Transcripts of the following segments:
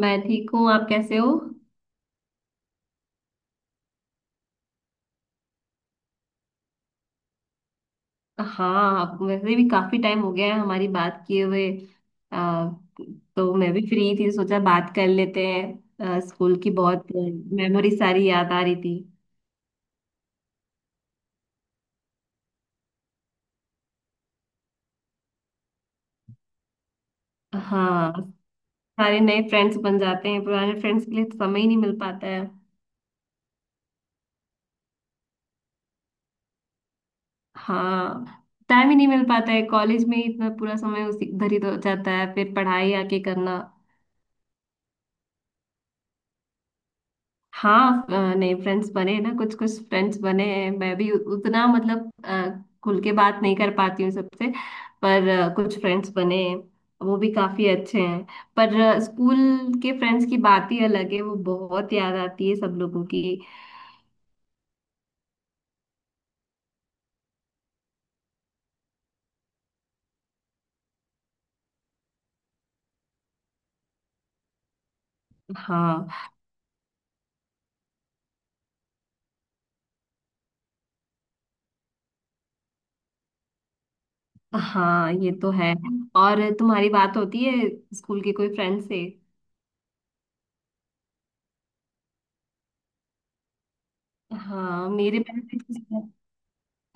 मैं ठीक हूँ। आप कैसे हो? हाँ, वैसे भी काफी टाइम हो गया है हमारी बात किए हुए। आ, तो मैं भी फ्री थी, सोचा बात कर लेते हैं। स्कूल की बहुत मेमोरी सारी याद आ रही थी। हाँ, सारे नए फ्रेंड्स बन जाते हैं। पुराने फ्रेंड्स के लिए तो समय ही नहीं मिल पाता है। हाँ, टाइम ही नहीं मिल पाता है। कॉलेज में ही इतना पूरा समय उसी, इधर ही तो जाता है, फिर पढ़ाई आके करना। हाँ, नए फ्रेंड्स बने हैं ना, कुछ कुछ फ्रेंड्स बने हैं। मैं भी उतना मतलब खुल के बात नहीं कर पाती हूँ सबसे। पर कुछ फ्रेंड्स बने हैं। वो भी काफी अच्छे हैं। पर स्कूल के फ्रेंड्स की बात ही अलग है। वो बहुत याद आती है सब लोगों की। हाँ। हाँ, ये तो है। और तुम्हारी बात होती है स्कूल के कोई फ्रेंड से? हाँ, मेरे पास भी।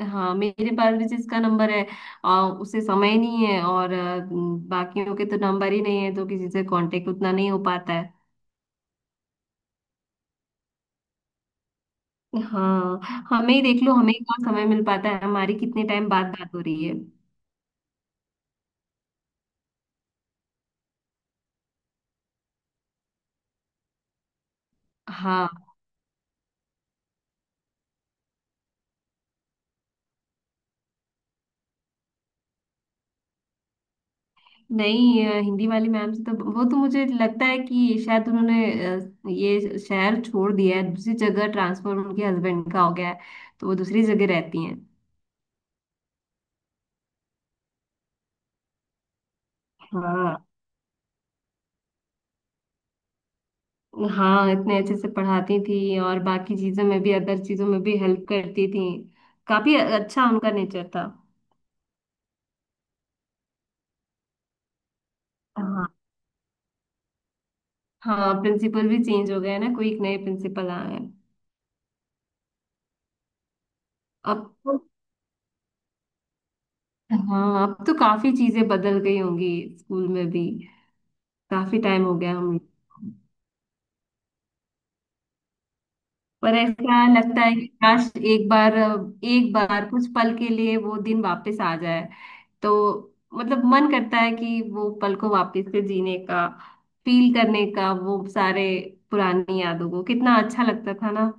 हाँ, मेरे बायोलॉजिस्ट का नंबर है। उसे समय नहीं है, और बाकियों के तो नंबर ही नहीं है, तो किसी से कांटेक्ट उतना नहीं हो पाता है। हाँ, हमें ही देख लो, हमें कहाँ समय मिल पाता है। हमारी कितने टाइम बाद बात हो रही है। हाँ, नहीं, हिंदी वाली मैम से तो, वो तो मुझे लगता है कि शायद उन्होंने ये शहर छोड़ दिया है। दूसरी जगह ट्रांसफर उनके हस्बैंड का हो गया है। तो वो दूसरी जगह रहती हैं। हाँ। हाँ, इतने अच्छे से पढ़ाती थी, और बाकी चीजों में भी, अदर चीजों में भी हेल्प करती थी। काफी अच्छा उनका नेचर था। हाँ। हाँ, प्रिंसिपल भी चेंज हो गए हैं ना। कोई एक नए प्रिंसिपल आए हैं। अब तो। हाँ, अब तो काफी चीजें बदल गई होंगी। स्कूल में भी काफी टाइम हो गया हम। पर ऐसा लगता है कि काश एक बार, एक बार कुछ पल के लिए वो दिन वापस आ जाए। तो मतलब मन करता है कि वो पल को वापस से जीने का, फील करने का वो सारे पुरानी यादों को। कितना अच्छा लगता था ना।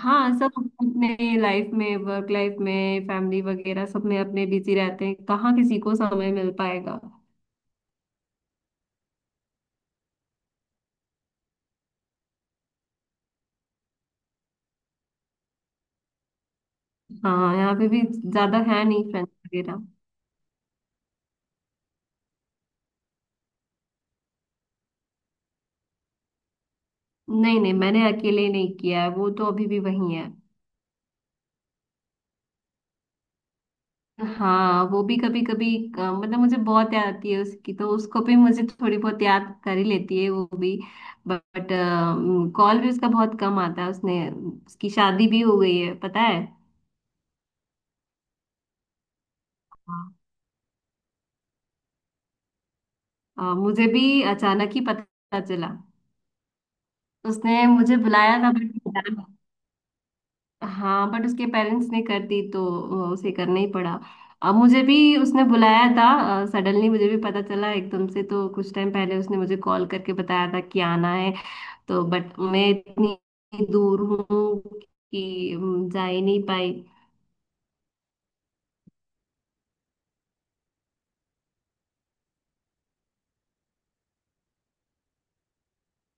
हाँ, सब अपने लाइफ में, वर्क लाइफ में, फैमिली वगैरह सब में अपने बिजी रहते हैं। कहाँ किसी को समय मिल पाएगा। हाँ, यहाँ पे भी ज्यादा है नहीं फ्रेंड्स वगैरह। नहीं, नहीं, मैंने अकेले नहीं किया है। वो तो अभी भी वही है। हाँ, वो भी कभी कभी मतलब, मुझे बहुत याद आती है उसकी, तो उसको भी मुझे थोड़ी बहुत याद कर ही लेती है वो भी। बट कॉल भी उसका बहुत कम आता है उसने। उसकी शादी भी हो गई है, पता है। हाँ। मुझे भी अचानक ही पता चला। उसने मुझे बुलाया था बट। हाँ, बट उसके पेरेंट्स ने कर दी, तो उसे करना ही पड़ा। अब मुझे भी। उसने बुलाया था। सडनली मुझे भी पता चला एकदम से, तो कुछ टाइम पहले उसने मुझे कॉल करके बताया था कि आना है। तो बट मैं इतनी दूर हूँ कि जा ही नहीं पाई।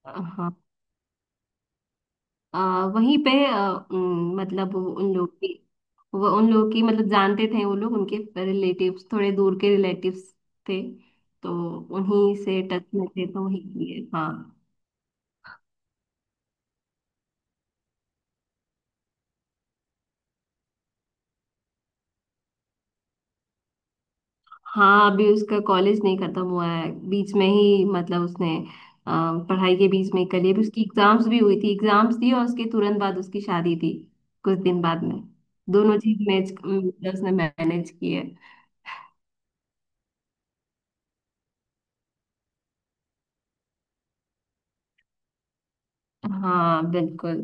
हाँ, वहीं पे मतलब वो उन लोग की। वो उन लोग की मतलब जानते थे वो लोग उनके। रिलेटिव्स, थोड़े दूर के रिलेटिव्स थे। तो उन्हीं से टच में थे तो वहीं किए, हाँ। हाँ, अभी उसका कॉलेज नहीं खत्म हुआ है, बीच में ही मतलब उसने अ, पढ़ाई के बीच में कर लिया। अभी उसकी एग्जाम्स भी हुई थी, एग्जाम्स थी, और उसके तुरंत बाद उसकी शादी थी, कुछ दिन बाद में। दोनों चीज मैच मतलब उसने मैनेज की है। हाँ, बिल्कुल।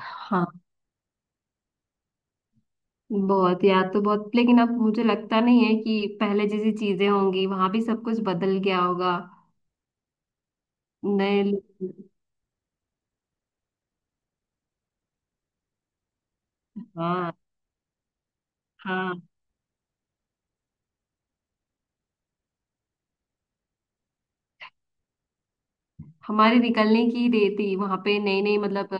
हाँ, बहुत याद तो बहुत, लेकिन अब मुझे लगता नहीं है कि पहले जैसी चीजें होंगी, वहां भी सब कुछ बदल गया होगा। नए लोग- हाँ। हाँ, हमारे निकलने की देर थी वहां पे। नई नई मतलब।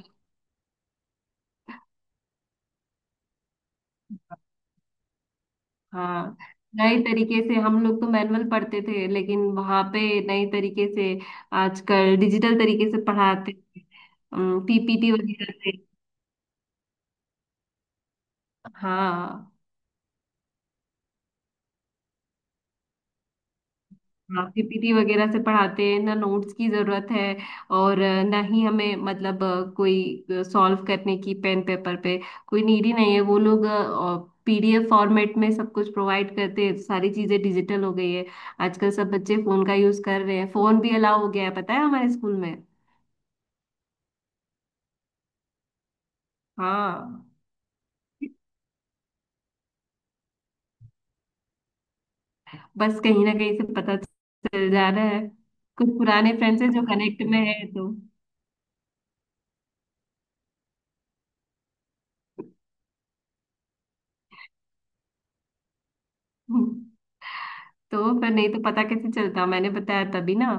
हाँ, नए तरीके से, हम लोग तो मैनुअल पढ़ते थे लेकिन वहां पे नए तरीके से, आजकल डिजिटल तरीके से पढ़ाते हैं, पीपीटी वगैरह से। हाँ। हाँ, पीपीटी वगैरह से पढ़ाते हैं ना, नोट्स की जरूरत है। और ना ही हमें मतलब कोई सॉल्व करने की पेन पेपर पे कोई नीड ही नहीं है। वो लोग पीडीएफ फॉर्मेट में सब कुछ प्रोवाइड करते हैं। सारी चीजें डिजिटल हो गई है। आजकल सब बच्चे फोन का यूज कर रहे हैं। फोन भी अलाउ हो गया है, पता है हमारे स्कूल में। हाँ, बस कहीं ना कहीं से पता चल जा रहा है। कुछ पुराने फ्रेंड्स हैं जो कनेक्ट में है, हम्म, तो फिर नहीं तो पता कैसे चलता, मैंने बताया तभी ना।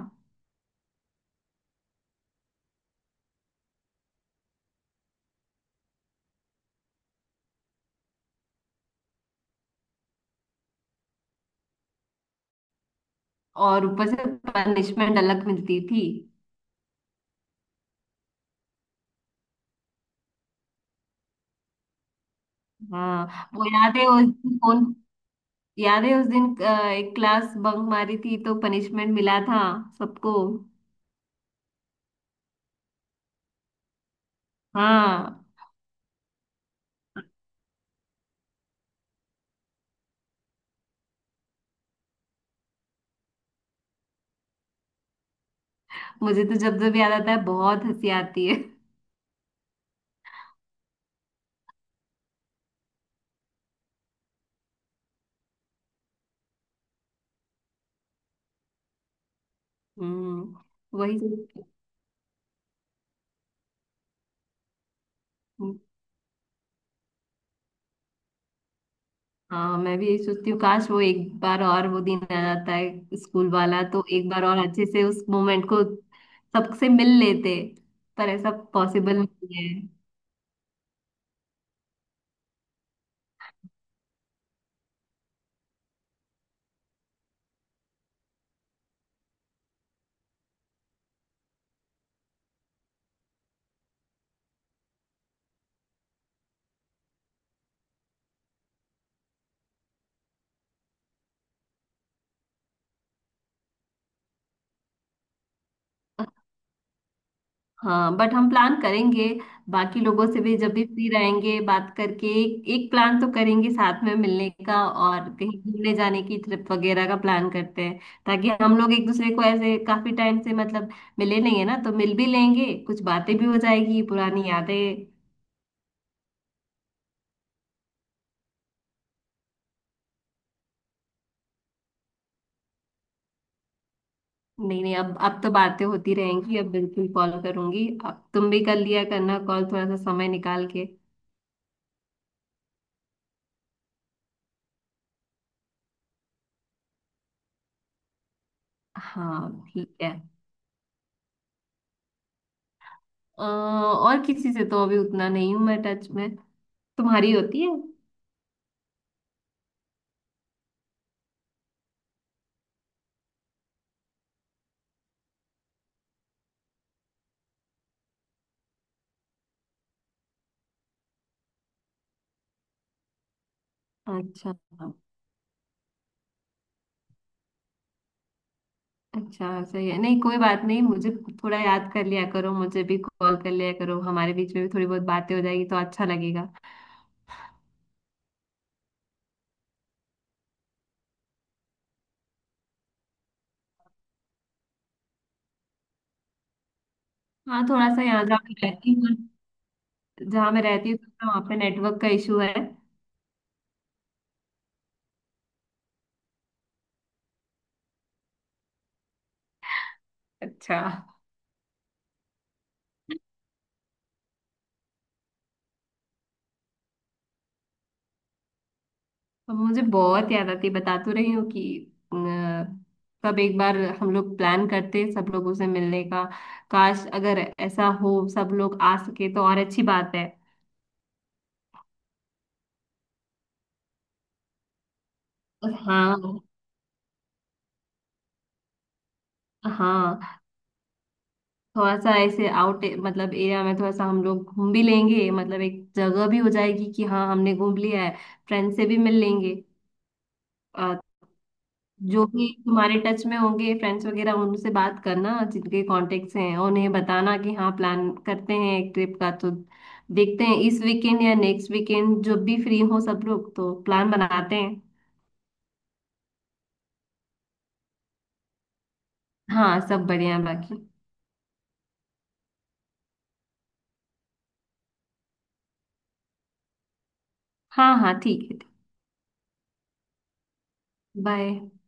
और ऊपर से पनिशमेंट अलग मिलती थी। हाँ, वो याद है उस दिन कौन। याद है उस दिन एक क्लास बंक मारी थी, तो पनिशमेंट मिला था सबको। हाँ, मुझे तो जब जब याद आता है बहुत हंसी आती है। हम्म। वही सब। हाँ, मैं भी यही सोचती हूँ, काश वो एक बार और वो दिन आ जाता है स्कूल वाला तो एक बार और अच्छे से उस मोमेंट को सबसे मिल लेते। पर ऐसा पॉसिबल नहीं है। हाँ, बट हम प्लान करेंगे। बाकी लोगों से भी जब भी फ्री रहेंगे, बात करके एक प्लान तो करेंगे साथ में मिलने का, और कहीं घूमने जाने की ट्रिप वगैरह का प्लान करते हैं। ताकि हम लोग एक दूसरे को ऐसे काफी टाइम से मतलब मिले नहीं है ना, तो मिल भी लेंगे, कुछ बातें भी हो जाएगी, पुरानी यादें। नहीं, नहीं, अब तो बातें होती रहेंगी। अब बिल्कुल कॉल करूंगी, अब तुम भी कर लिया करना कॉल थोड़ा सा समय निकाल के। हाँ, ठीक है। और किसी से तो अभी उतना नहीं हूं मैं टच में। तुम्हारी होती है? अच्छा। अच्छा, सही है। नहीं, कोई बात नहीं। मुझे थोड़ा याद कर लिया करो, मुझे भी कॉल कर लिया करो। हमारे बीच में भी थोड़ी बहुत बातें हो जाएगी, तो अच्छा लगेगा। हाँ, थोड़ा सा, यहाँ जहाँ मैं रहती हूँ, जहाँ मैं रहती हूँ तो वहाँ पे नेटवर्क का इशू है। अच्छा। अब मुझे बहुत याद आती है, बता तो रही हूँ कि अ, कब एक बार हम लोग प्लान करते सब लोगों से मिलने का। काश अगर ऐसा हो, सब लोग आ सके तो और अच्छी बात है। और हाँ। हाँ, थोड़ा सा ऐसे आउट मतलब एरिया में थोड़ा सा हम लोग घूम भी लेंगे, मतलब एक जगह भी हो जाएगी कि हाँ हमने घूम लिया है, फ्रेंड से भी मिल लेंगे। जो भी तुम्हारे टच में होंगे फ्रेंड्स वगैरह, उनसे बात करना, जिनके कॉन्टेक्ट्स हैं उन्हें बताना कि हाँ, प्लान करते हैं एक ट्रिप का, तो देखते हैं इस वीकेंड या नेक्स्ट वीकेंड, जब भी फ्री हो सब लोग तो प्लान बनाते हैं। हाँ, सब बढ़िया बाकी। हाँ। हाँ, ठीक है। बाय।